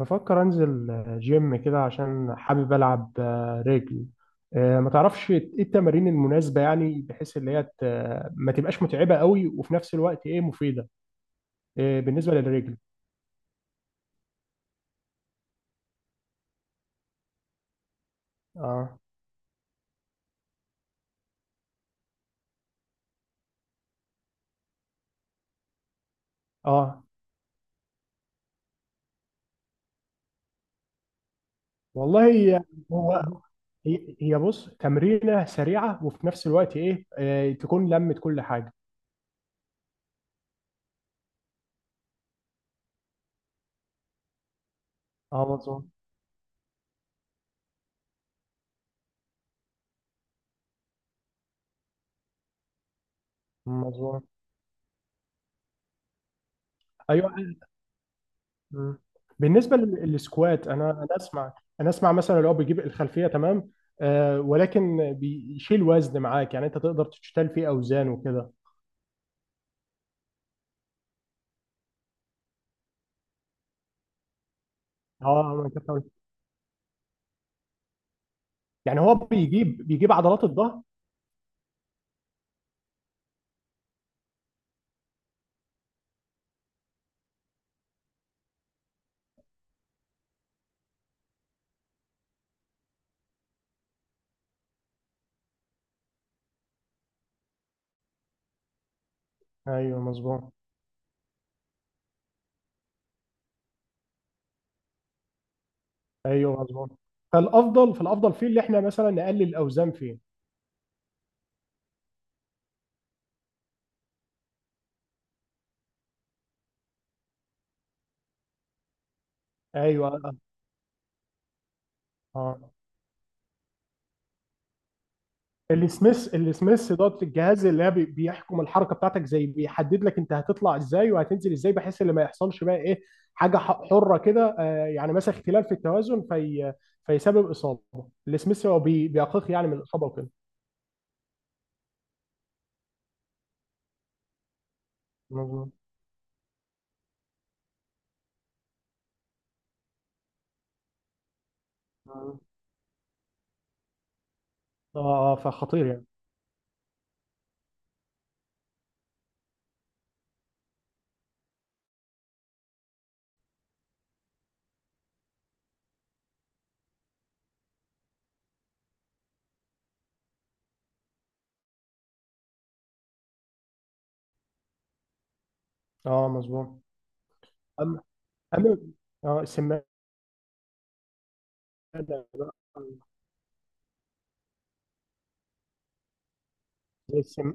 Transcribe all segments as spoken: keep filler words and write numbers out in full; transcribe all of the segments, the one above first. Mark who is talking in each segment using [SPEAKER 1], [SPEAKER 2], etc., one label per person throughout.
[SPEAKER 1] بفكر انزل آه، جيم كده عشان حابب العب آه، رجل. آه، ما تعرفش ايه التمارين المناسبه، يعني بحيث اللي هي ت- آه، ما تبقاش متعبه قوي وفي نفس الوقت ايه مفيده. آه، بالنسبه للرجل. اه. اه والله. هو. هي هي بص تمرينه سريعه وفي نفس الوقت ايه آه، تكون لمت كل حاجه. اه مظبوط. مظبوط. ايوه. مم. بالنسبه لل- للسكوات انا انا اسمع. انا اسمع مثلا لو بيجيب الخلفيه، تمام. آه، ولكن بيشيل وزن معاك، يعني انت تقدر تشتال فيه اوزان وكده. اه، أنا كنت أقول- يعني هو بيجيب بيجيب عضلات الظهر. ايوه مظبوط. ايوه مظبوط. فالافضل فالافضل فيه اللي احنا مثلا نقلل الاوزان فيه. ايوه اه. آه. السميث السميث دوت الجهاز اللي هي بي- بيحكم الحركه بتاعتك، زي بيحدد لك انت هتطلع ازاي وهتنزل ازاي، بحيث ان ما يحصلش بقى ايه حاجه ح- حره كده. آه، يعني مثلا اختلال في التوازن في فيسبب اصابه. السميث هو بي- بيقيق يعني من الاصابه وكده. مظبوط. اه، آه، فخطير يعني. اه مظبوط. اما اما اه السمانه بقى، زي السم.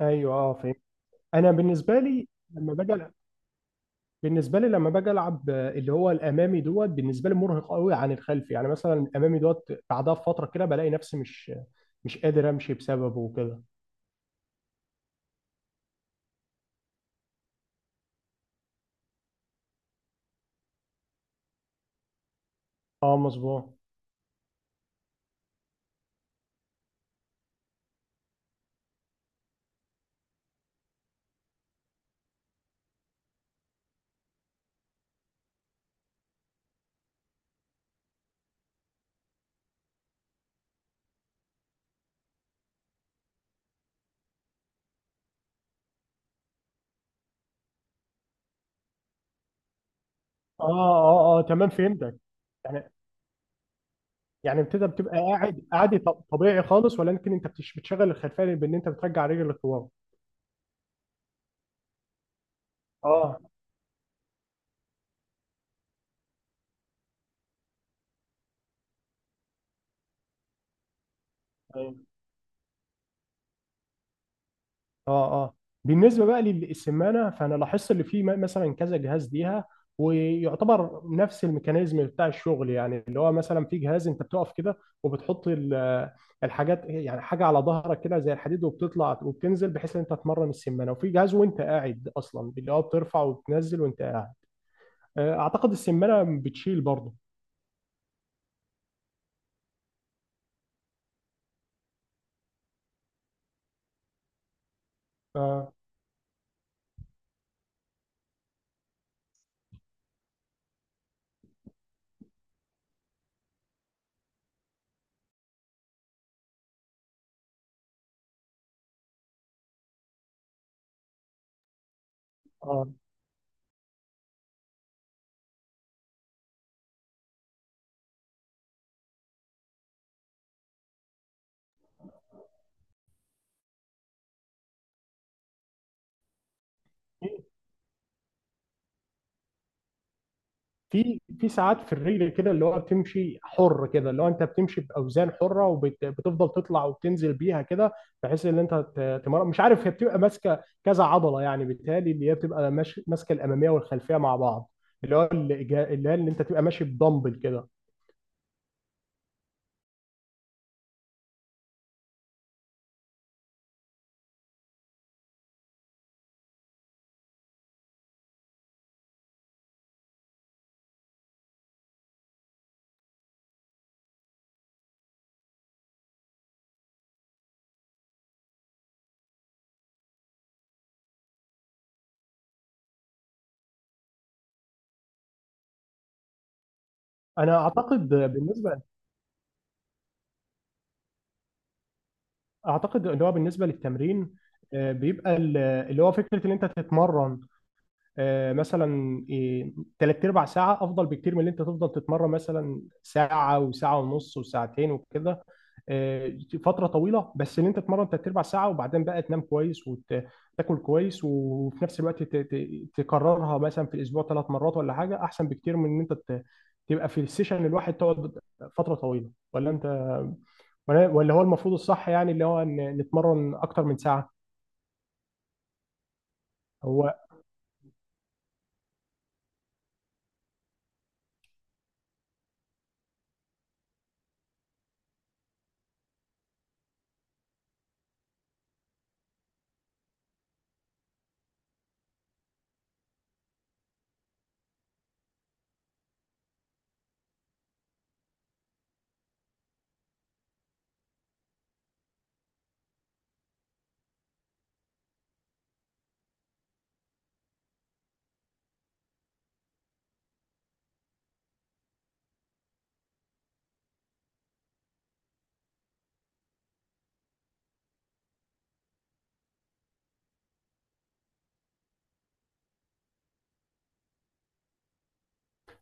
[SPEAKER 1] ايوه اه فهمت. انا بالنسبه لي لما باجي، بالنسبه لي لما باجي العب آه، اللي هو الامامي، دوت بالنسبه لي مرهق قوي عن الخلفي. يعني مثلا الامامي دوت بعدها بفتره كده بلاقي نفسي مش مش قادر امشي بسببه وكده. اه مظبوط. اه اه اه تمام فهمتك. يعني يعني ابتدى بتبقى قاعد قاعد ط- طبيعي خالص، ولكن انت بتش- بتشغل الخلفيه بان انت بترجع رجل لقوام. اه اه اه. بالنسبه بقى للسمانه، فانا لاحظت اللي فيه م- مثلا كذا جهاز ليها، ويعتبر نفس الميكانيزم بتاع الشغل. يعني اللي هو مثلا في جهاز انت بتقف كده وبتحط ال- الحاجات، يعني حاجه على ظهرك كده زي الحديد، وبتطلع وبتنزل بحيث ان انت تمرن السمانه. وفي جهاز وانت قاعد اصلا، اللي هو بترفع وبتنزل وانت قاعد. آه، اعتقد السمانه بتشيل برضه. اه اه. في في ساعات في الرجل كده اللي هو بتمشي حر كده، اللي هو انت بتمشي باوزان حره وبتفضل تطلع وبتنزل بيها كده، بحيث ان انت ت- تمر، مش عارف، هي بتبقى ماسكه كذا عضله، يعني بالتالي اللي هي بتبقى ماش- ماسكه الاماميه والخلفيه مع بعض. اللي هو اللي جا- اللي هي اللي انت تبقى ماشي بدمبل كده. انا اعتقد بالنسبه، اعتقد اللي هو بالنسبه للتمرين آه، بيبقى ال- اللي هو فكره ان انت تتمرن آه، مثلا إيه، تلات ارباع ساعه افضل بكتير من اللي انت تفضل تتمرن مثلا ساعه وساعه ونص وساعتين وكده آه، فتره طويله. بس ان انت تتمرن تلات ارباع ساعه وبعدين بقى تنام كويس وتاكل كويس، وفي نفس الوقت ت- ت- تكررها مثلا في الاسبوع ثلاث مرات ولا حاجه، احسن بكتير من ان انت ت- تبقى في السيشن الواحد تقعد فتره طويله. ولا انت، ولا ولا هو المفروض الصح يعني اللي هو ان نتمرن اكتر من ساعه؟ هو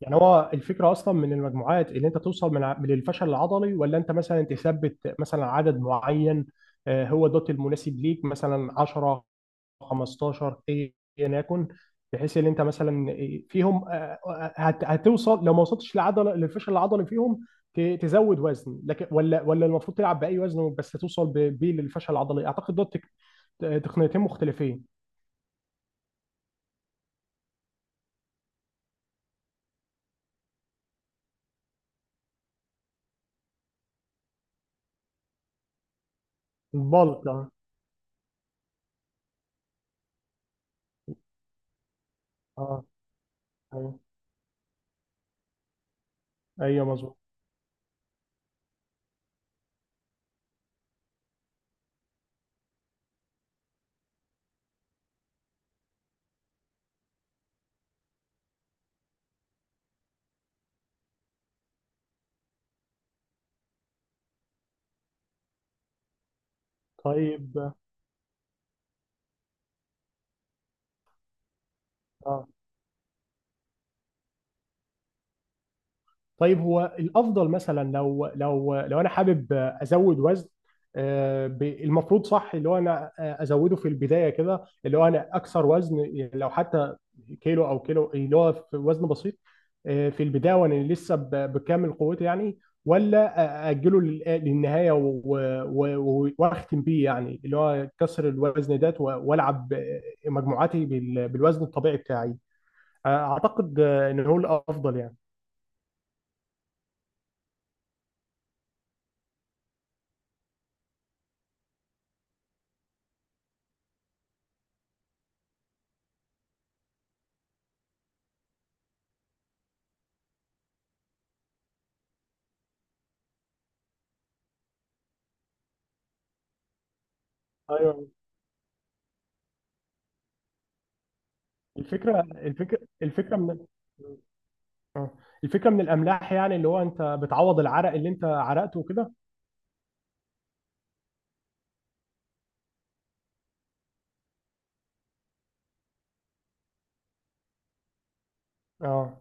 [SPEAKER 1] يعني هو الفكره اصلا من المجموعات اللي انت توصل من ع- من الفشل العضلي، ولا انت مثلا تثبت مثلا عدد معين آه، هو دوت المناسب ليك مثلا عشرة خمستاشر ايا يكن، بحيث ان انت مثلا فيهم آه، آه، هت- هتوصل. لو ما وصلتش لعضله للفشل العضلي فيهم ت- تزود وزن، لكن ولا ولا المفروض تلعب باي وزن بس توصل ب- بيه للفشل العضلي؟ اعتقد دوت تك- تقنيتين مختلفين. البلك اه. اه ايوه. أيوة، مظبوط. طيب اه. طيب هو الافضل مثلا لو لو لو انا حابب ازود وزن، آه، ب- المفروض صح اللي هو انا آه، ازوده في البدايه كده اللي هو انا اكثر وزن، يعني لو حتى كيلو او كيلو اللي هو في وزن بسيط آه، في البدايه وانا لسه ب- بكامل قوتي يعني، ولا أ- اجله لل- للنهايه و- و- و- واختم بيه، يعني اللي هو كسر الوزن ده والعب مجموعاتي بال- بالوزن الطبيعي بتاعي؟ آه، اعتقد آه، ان هو الافضل يعني. ايوه. الفكره الفكره الفكره من اه الفكره من الاملاح، يعني اللي هو انت بتعوض العرق اللي انت عرقته وكده. اه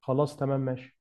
[SPEAKER 1] خلاص تمام ماشي.